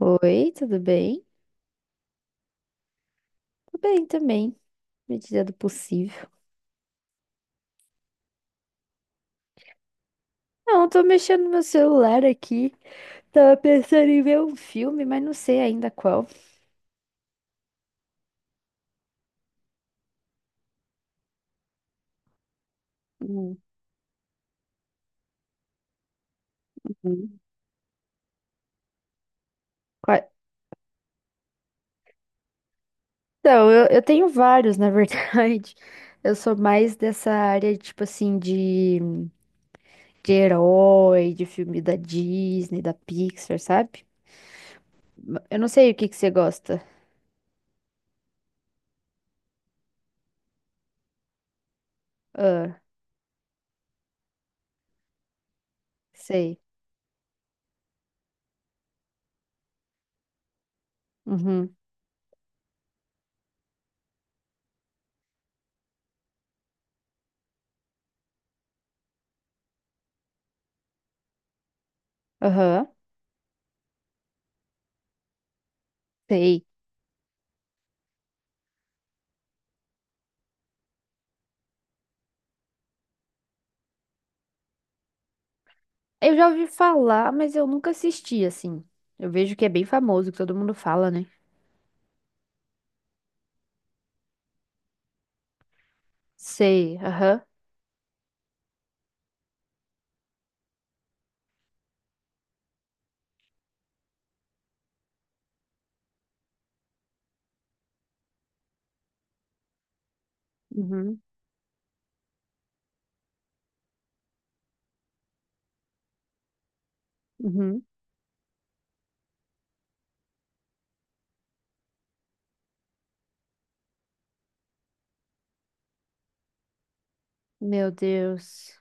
Oi, tudo bem? Tudo bem também, medida do possível. Não, eu tô mexendo no meu celular aqui. Tava pensando em ver um filme, mas não sei ainda qual. Uhum. Qua- Então, eu tenho vários, na verdade. Eu sou mais dessa área, tipo assim, de herói, de filme da Disney, da Pixar, sabe? Eu não sei o que que você gosta. Ah, sei. Uhum. Aham. Sei. Eu já ouvi falar, mas eu nunca assisti, assim. Eu vejo que é bem famoso, que todo mundo fala, né? Sei, aham. Uhum, uhum. Meu Deus.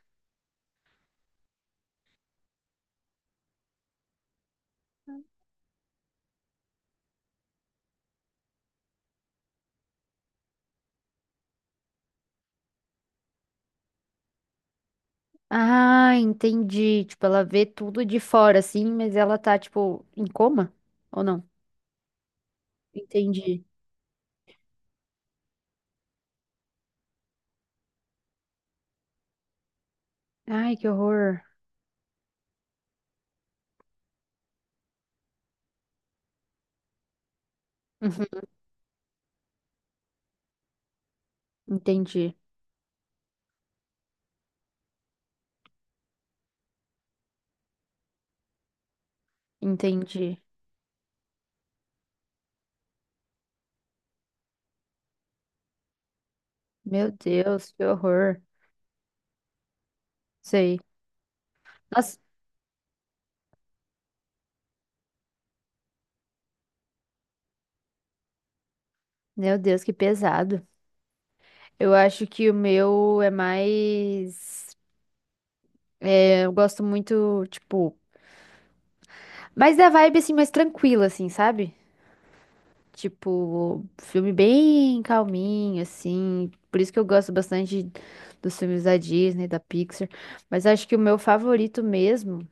Ah, entendi. Tipo, ela vê tudo de fora, assim, mas ela tá, tipo, em coma? Ou não? Entendi. Ai, que horror. Uhum, entendi, entendi. Meu Deus, que horror. Sei. Nossa, meu Deus, que pesado. Eu acho que o meu é mais. É, eu gosto muito, tipo. Mas da vibe, assim, mais tranquila, assim, sabe? Tipo, filme bem calminho, assim. Por isso que eu gosto bastante dos filmes da Disney, da Pixar. Mas acho que o meu favorito mesmo,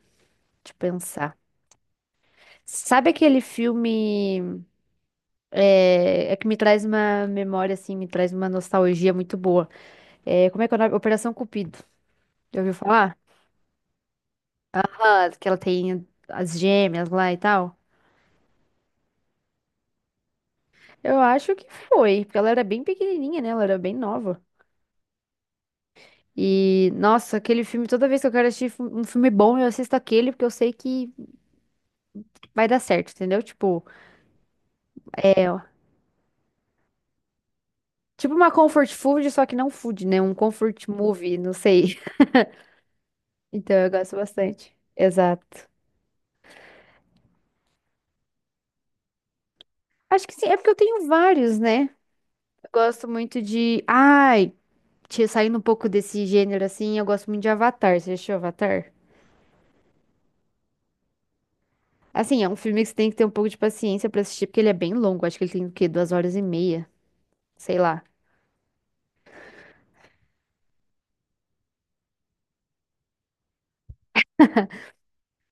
de pensar. Sabe aquele filme é que me traz uma memória, assim, me traz uma nostalgia muito boa? É, como é que é o nome? Operação Cupido. Já ouviu falar? Ah, que ela tem as gêmeas lá e tal. Eu acho que foi, porque ela era bem pequenininha, né? Ela era bem nova. E, nossa, aquele filme, toda vez que eu quero assistir um filme bom, eu assisto aquele, porque eu sei que vai dar certo, entendeu? Tipo, é, ó, tipo uma comfort food, só que não food, né? Um comfort movie, não sei. Então, eu gosto bastante. Exato. Acho que sim, é porque eu tenho vários, né? Eu gosto muito de. Ai, saindo um pouco desse gênero assim, eu gosto muito de Avatar. Você já assistiu Avatar? Assim, é um filme que você tem que ter um pouco de paciência pra assistir, porque ele é bem longo. Acho que ele tem o quê? 2 horas e meia, sei lá.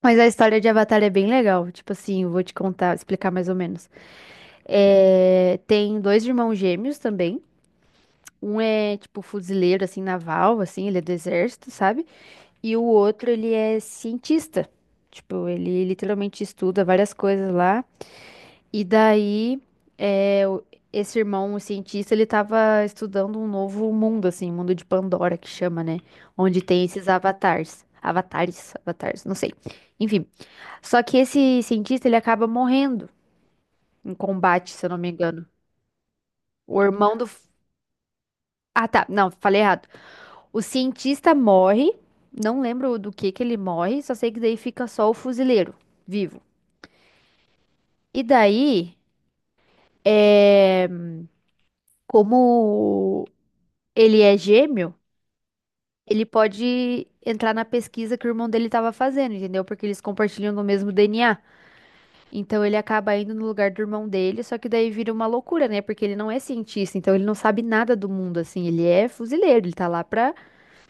Mas a história de Avatar é bem legal. Tipo assim, eu vou te contar, explicar mais ou menos. É, tem dois irmãos gêmeos também. Um é, tipo, fuzileiro, assim, naval, assim, ele é do exército, sabe? E o outro, ele é cientista. Tipo, ele literalmente estuda várias coisas lá. E daí, é, o- esse irmão, o cientista, ele tava estudando um novo mundo, assim, mundo de Pandora, que chama, né? Onde tem esses avatares. Avatares, avatares, não sei. Enfim. Só que esse cientista, ele acaba morrendo em combate, se eu não me engano. O irmão do... Ah, tá. Não, falei errado. O cientista morre, não lembro do que ele morre, só sei que daí fica só o fuzileiro vivo. E daí, é... como ele é gêmeo, ele pode entrar na pesquisa que o irmão dele estava fazendo, entendeu? Porque eles compartilham do mesmo DNA. Então ele acaba indo no lugar do irmão dele, só que daí vira uma loucura, né? Porque ele não é cientista, então ele não sabe nada do mundo, assim. Ele é fuzileiro, ele tá lá pra,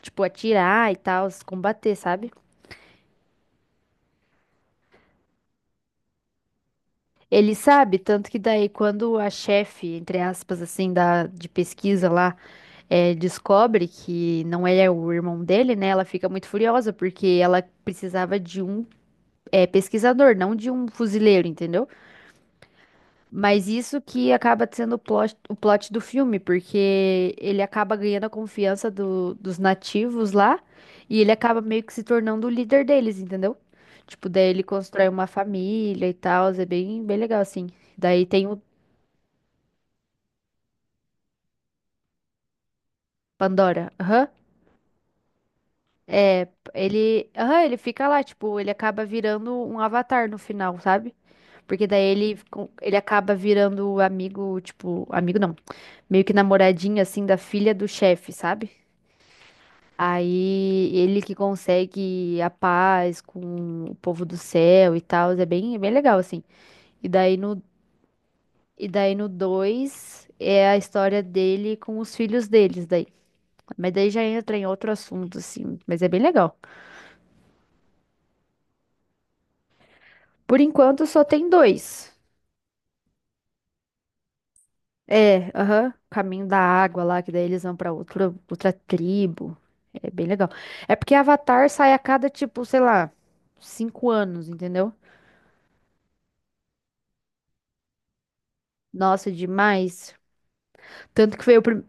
tipo, atirar e tal, se combater, sabe? Ele sabe, tanto que daí quando a chefe, entre aspas, assim, da, de pesquisa lá, descobre que não é o irmão dele, né? Ela fica muito furiosa, porque ela precisava de um, pesquisador, não de um fuzileiro, entendeu? Mas isso que acaba sendo o plot do filme, porque ele acaba ganhando a confiança dos nativos lá e ele acaba meio que se tornando o líder deles, entendeu? Tipo, daí ele constrói uma família e tal, é bem, bem legal assim. Daí tem o Pandora. Aham. É, ele, aham, ele fica lá, tipo, ele acaba virando um avatar no final, sabe? Porque daí ele, ele acaba virando amigo, tipo, amigo não, meio que namoradinho assim da filha do chefe, sabe? Aí ele que consegue a paz com o povo do céu e tal, é bem legal assim. E daí no e daí no 2 é a história dele com os filhos deles daí. Mas daí já entra em outro assunto assim, mas é bem legal. Por enquanto só tem dois. É, aham, Caminho da Água lá, que daí eles vão pra outra tribo. É bem legal. É porque Avatar sai a cada tipo, sei lá, 5 anos, entendeu? Nossa, demais. Tanto que foi o primeiro.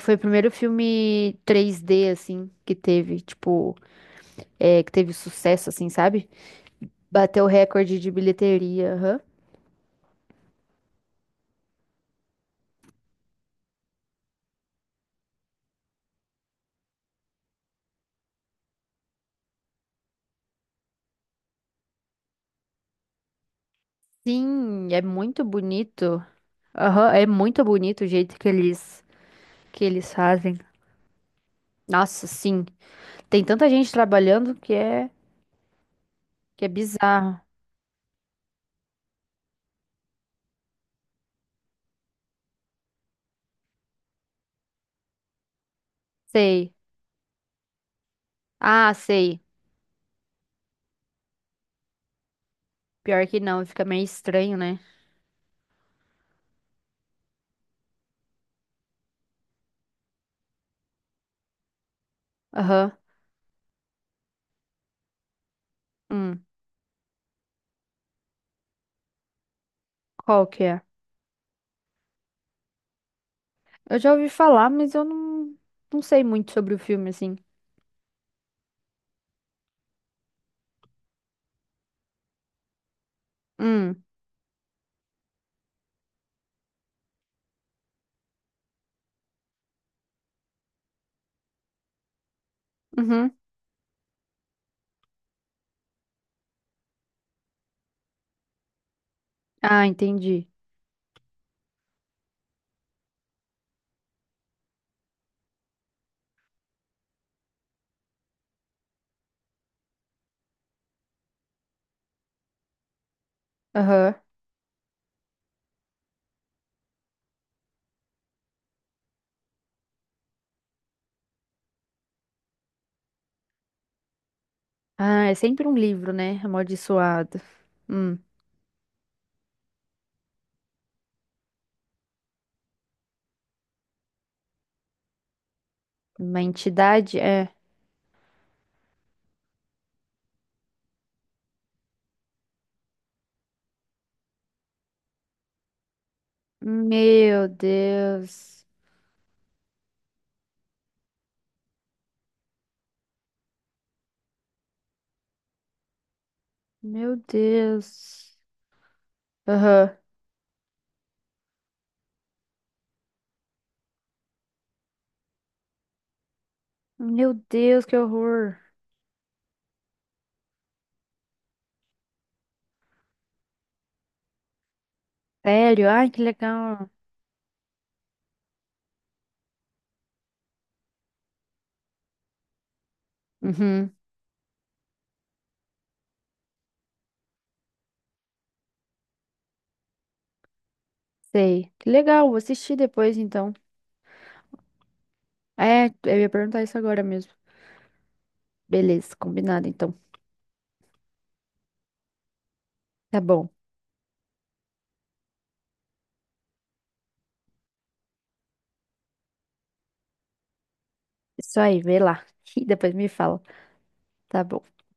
Foi o primeiro filme 3D, assim, que teve, tipo, é, que teve sucesso, assim, sabe? Bateu o recorde de bilheteria, aham. Sim, é muito bonito. Aham, é muito bonito o jeito que eles fazem. Nossa, sim. Tem tanta gente trabalhando que é bizarro. Sei. Ah, sei. Pior que não, fica meio estranho, né? Aham. Hum, qual que é? Eu já ouvi falar, mas eu não, não sei muito sobre o filme, assim. Hum. Uhum. Ah, entendi. Aham. Ah, é sempre um livro, né? Amaldiçoado. Hum. Uma entidade? É. Meu Deus. Meu Deus. Aham. Meu Deus, que horror. Sério? Ai, que legal. Uhum. Sei. Que legal, vou assistir depois então. É, eu ia perguntar isso agora mesmo. Beleza, combinado então. Tá bom. Isso aí, vê lá. E depois me fala. Tá bom.